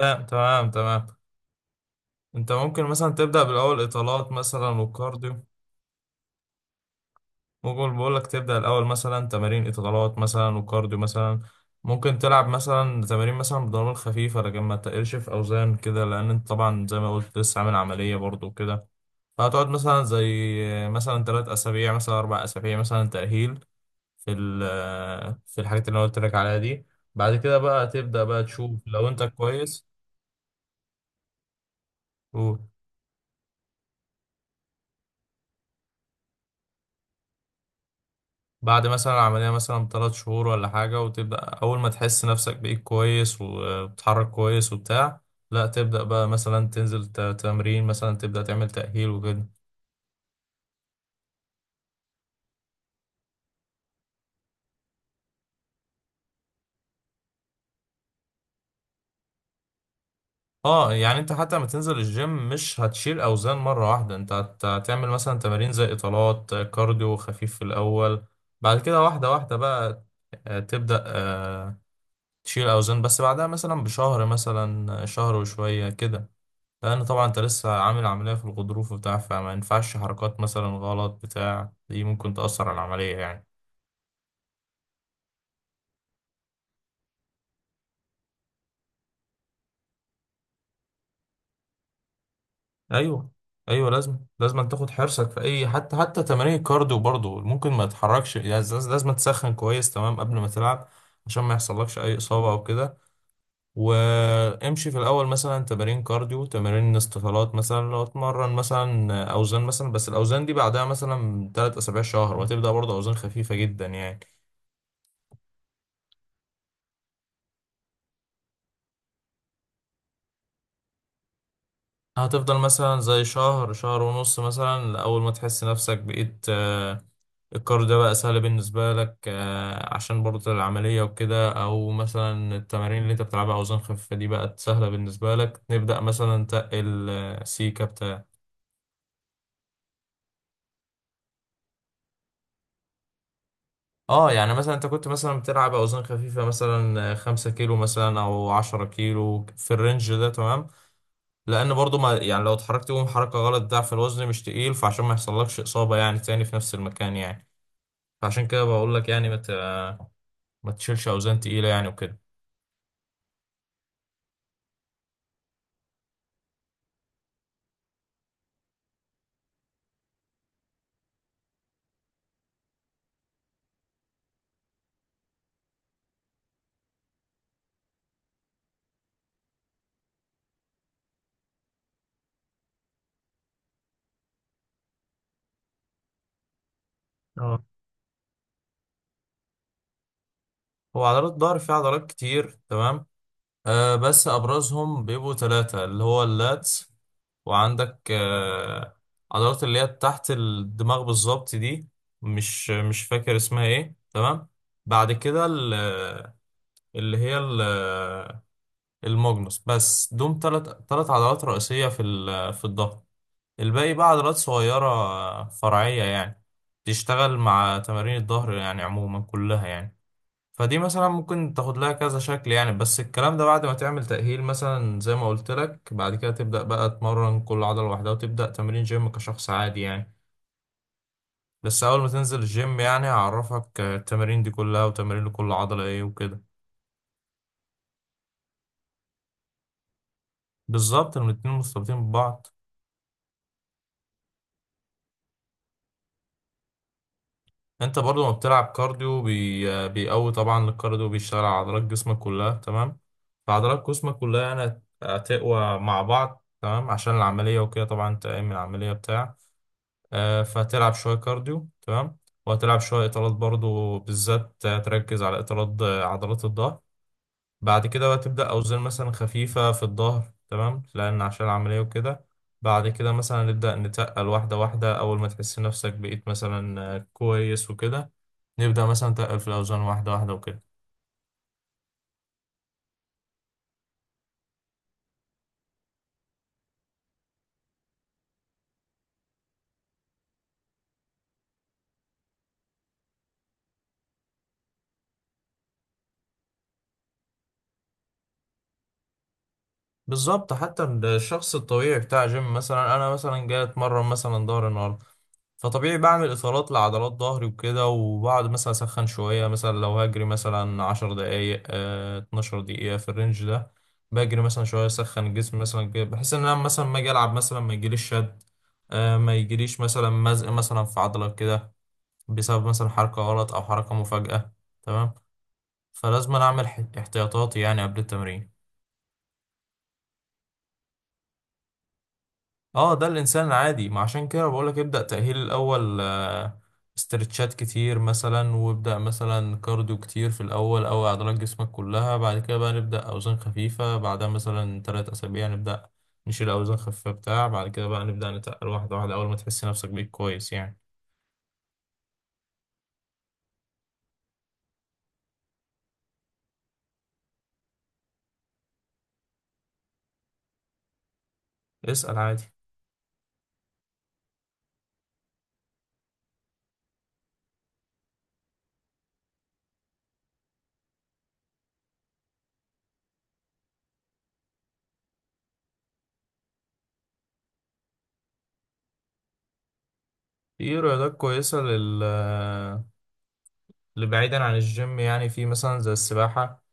لا، تمام تمام. انت ممكن مثلا تبدأ بالأول إطالات مثلا وكارديو. ممكن بقول لك تبدأ الأول مثلا تمارين إطالات مثلا وكارديو مثلا. ممكن تلعب مثلا تمارين مثلا بدمبل خفيفة، لكن ما تقلش في أوزان كده، لأن انت طبعا زي ما قلت لسه عامل عملية برضو كده. فهتقعد مثلا زي مثلا 3 أسابيع مثلا 4 أسابيع مثلا تأهيل في الحاجات اللي أنا قلت لك عليها دي. بعد كده بقى تبدأ بقى تشوف لو انت كويس. بعد مثلا العملية مثلا 3 شهور ولا حاجة، وتبدأ أول ما تحس نفسك بإيد كويس وبتتحرك كويس وبتاع، لا تبدأ بقى مثلا تنزل تمرين، مثلا تبدأ تعمل تأهيل وكده. اه، يعني انت حتى لما تنزل الجيم مش هتشيل أوزان مرة واحدة. انت هتعمل مثلا تمارين زي إطالات كارديو خفيف في الأول. بعد كده واحدة واحدة بقى. تبدأ تشيل أوزان، بس بعدها مثلا بشهر مثلا شهر وشوية كده. لأن طبعا أنت لسه عامل عملية في الغضروف وبتاع، فما ينفعش حركات مثلا غلط بتاع. دي ممكن تأثر على العملية يعني. أيوه أيوه، لازم لازم تاخد حرصك في أي حتى حتى تمارين الكارديو برضه. ممكن ما تتحركش يعني، لازم تسخن كويس تمام قبل ما تلعب، عشان ما يحصلكش أي إصابة أو كده. وامشي في الأول مثلا تمارين كارديو تمارين استطالات مثلا، لو اتمرن مثلا أوزان مثلا بس الأوزان دي بعدها مثلا تلات أسابيع شهر، وهتبدأ برضه أوزان خفيفة جدا يعني. هتفضل مثلا زي شهر شهر ونص مثلا، أول ما تحس نفسك بقيت القرار ده بقى سهل بالنسبة لك، عشان برضه العملية وكده، أو مثلا التمارين اللي أنت بتلعبها أوزان خفيفة دي بقت سهلة بالنسبة لك، نبدأ مثلا تقل سيكة بتاع. اه، يعني مثلا انت كنت مثلا بتلعب اوزان خفيفه مثلا 5 كيلو مثلا او 10 كيلو في الرينج ده تمام. لان برضو ما يعني لو اتحركت يوم حركه غلط ضعف الوزن مش تقيل، فعشان ما يحصلكش اصابه يعني تاني في نفس المكان يعني. فعشان كده بقول لك يعني ما تشيلش اوزان تقيله يعني وكده. اه، هو عضلات الظهر فيها عضلات كتير تمام. آه، بس ابرزهم بيبقوا ثلاثه، اللي هو اللاتس، وعندك آه، عضلات اللي هي تحت الدماغ بالظبط دي، مش فاكر اسمها ايه تمام. بعد كده اللي هي الماجنوس، بس دوم ثلاث. ثلاث عضلات رئيسيه في الظهر. الباقي بقى عضلات صغيرة فرعية يعني، تشتغل مع تمارين الظهر يعني عموما كلها يعني. فدي مثلا ممكن تاخد لها كذا شكل يعني، بس الكلام ده بعد ما تعمل تأهيل مثلا زي ما قلت لك. بعد كده تبدأ بقى تمرن كل عضلة لوحدها، وتبدأ تمرين جيم كشخص عادي يعني. بس أول ما تنزل الجيم يعني هعرفك التمارين دي كلها، وتمارين لكل عضلة ايه وكده. بالظبط، إن الاتنين مرتبطين ببعض. انت برضو ما بتلعب كارديو، بيقوي طبعا. الكارديو بيشتغل على عضلات جسمك كلها تمام، فعضلات جسمك كلها يعني هتقوى مع بعض تمام، عشان العملية وكده. طبعا انت قايم من العملية بتاع، فتلعب شوية كارديو تمام، وهتلعب شوية اطالات برضو، بالذات تركز على اطالات عضلات الظهر. بعد كده بقى تبدأ أوزان مثلا خفيفة في الظهر تمام، لأن عشان العملية وكده. بعد كده مثلا نبدأ نتقل واحدة واحدة، أول ما تحس نفسك بقيت مثلا كويس وكده، نبدأ مثلا نتقل في الأوزان واحدة واحدة وكده. بالظبط، حتى الشخص الطبيعي بتاع جيم، مثلا أنا مثلا جاي أتمرن مثلا ظهر النهاردة، فطبيعي بعمل إطالات لعضلات ظهري وكده، وبعد مثلا أسخن شوية مثلا، لو هجري مثلا 10 دقايق 12 دقيقة في الرينج ده. بجري مثلا شوية أسخن الجسم مثلا كده، بحيث إن أنا مثلا ما أجي ألعب مثلا ما يجيليش شد، ما يجيليش مثلا مزق مثلا في عضلة كده، بسبب مثلا حركة غلط أو حركة مفاجأة. تمام. فلازم أنا أعمل احتياطاتي يعني قبل التمرين. اه، ده الانسان العادي. ما عشان كده بقولك ابدأ تأهيل الاول، استرتشات كتير مثلا، وابدأ مثلا كارديو كتير في الاول او عضلات جسمك كلها. بعد كده بقى نبدأ اوزان خفيفة، بعدها مثلا 3 اسابيع نبدأ نشيل اوزان خفيفة بتاع. بعد كده بقى نبدأ نتقل واحدة واحدة اول ما تحس نفسك بيك كويس يعني. اسأل عادي. في رياضات كويسة لل اللي بعيدا عن الجيم يعني. في مثلا زي السباحة،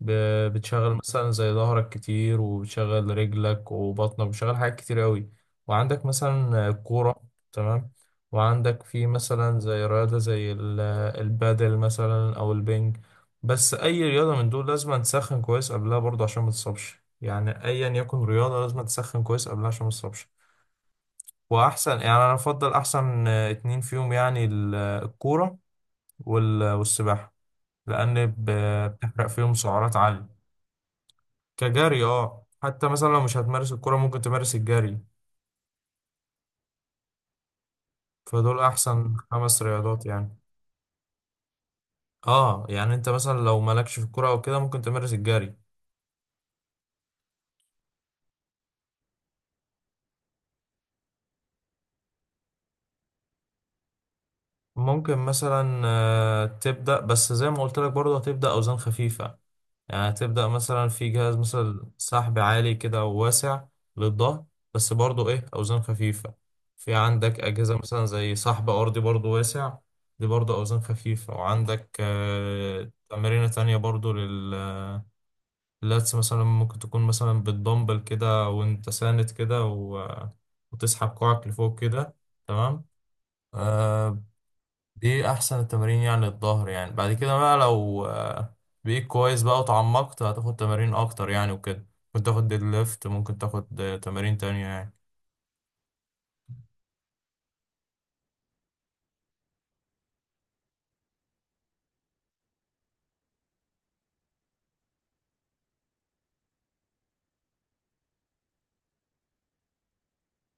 بتشغل مثلا زي ظهرك كتير، وبتشغل رجلك وبطنك، بتشغل حاجات كتير قوي. وعندك مثلا كورة تمام. وعندك في مثلا زي رياضة البادل مثلا أو البنج. بس أي رياضة من دول لازم تسخن كويس قبلها برضه عشان ما تتصابش يعني. أيا يكن رياضة لازم تسخن كويس قبلها عشان ما تتصابش. وأحسن يعني أنا أفضل أحسن اتنين فيهم يعني الكورة والسباحة، لأن بتحرق فيهم سعرات عالية. كجري اه، حتى مثلا لو مش هتمارس الكرة ممكن تمارس الجري. فدول أحسن 5 رياضات يعني. اه، يعني انت مثلا لو مالكش في الكرة او كده ممكن تمارس الجري. ممكن مثلا تبدأ، بس زي ما قلت لك برضه هتبدأ أوزان خفيفة. يعني هتبدأ مثلا في جهاز مثلا سحب عالي كده وواسع للظهر، بس برضه ايه أوزان خفيفة. في عندك أجهزة مثلا زي سحب أرضي برضه واسع، دي برضه أوزان خفيفة. وعندك تمارين تانية برضه لل اللاتس مثلا. ممكن تكون مثلا بالدمبل كده وانت ساند كده، و... وتسحب كوعك لفوق كده. تمام. آه، دي احسن التمارين يعني للظهر يعني. بعد كده بقى لو آه بقيت كويس بقى وتعمقت، هتاخد تمارين اكتر يعني وكده. ممكن تاخد ديد ليفت، ممكن تاخد تمارين تانية يعني.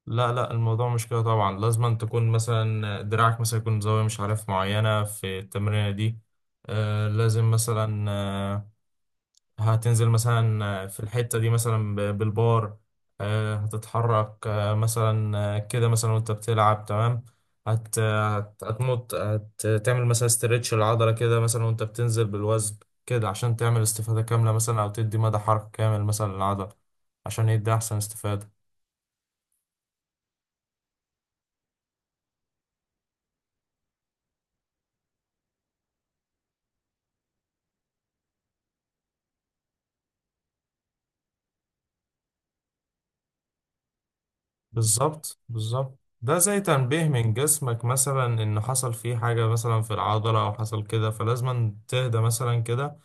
لا لا، الموضوع مش كده طبعا. لازم أن تكون مثلا دراعك مثلا يكون زاوية مش عارف معينة في التمرينة دي. آه لازم مثلا هتنزل مثلا في الحتة دي مثلا بالبار. هتتحرك مثلا كده مثلا وانت بتلعب تمام. هتمط، هتعمل مثلا استرتش العضلة كده مثلا وانت بتنزل بالوزن كده، عشان تعمل استفادة كاملة مثلا، او تدي مدى حركة كامل مثلا للعضلة، عشان يدي احسن استفادة. بالظبط بالظبط، ده زي تنبيه من جسمك مثلا ان حصل فيه حاجة مثلا في العضلة او حصل كده، فلازم تهدى مثلا كده.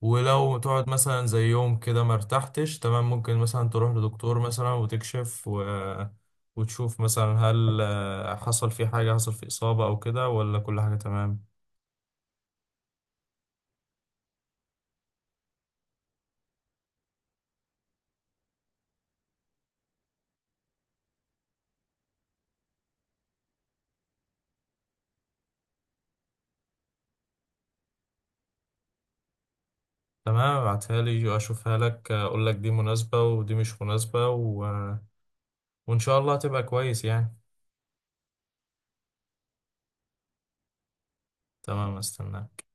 ولو تقعد مثلا زي يوم كده ما ارتحتش تمام، ممكن مثلا تروح لدكتور مثلا وتكشف، و... وتشوف مثلا هل آه، حصل في حاجة حصل في إصابة أو كده، ولا كل حاجة تمام. تمام، ابعتها لي وأشوفها لك، أقول لك دي مناسبة ودي مش مناسبة، و... وإن شاء الله هتبقى كويس يعني. تمام، استناك.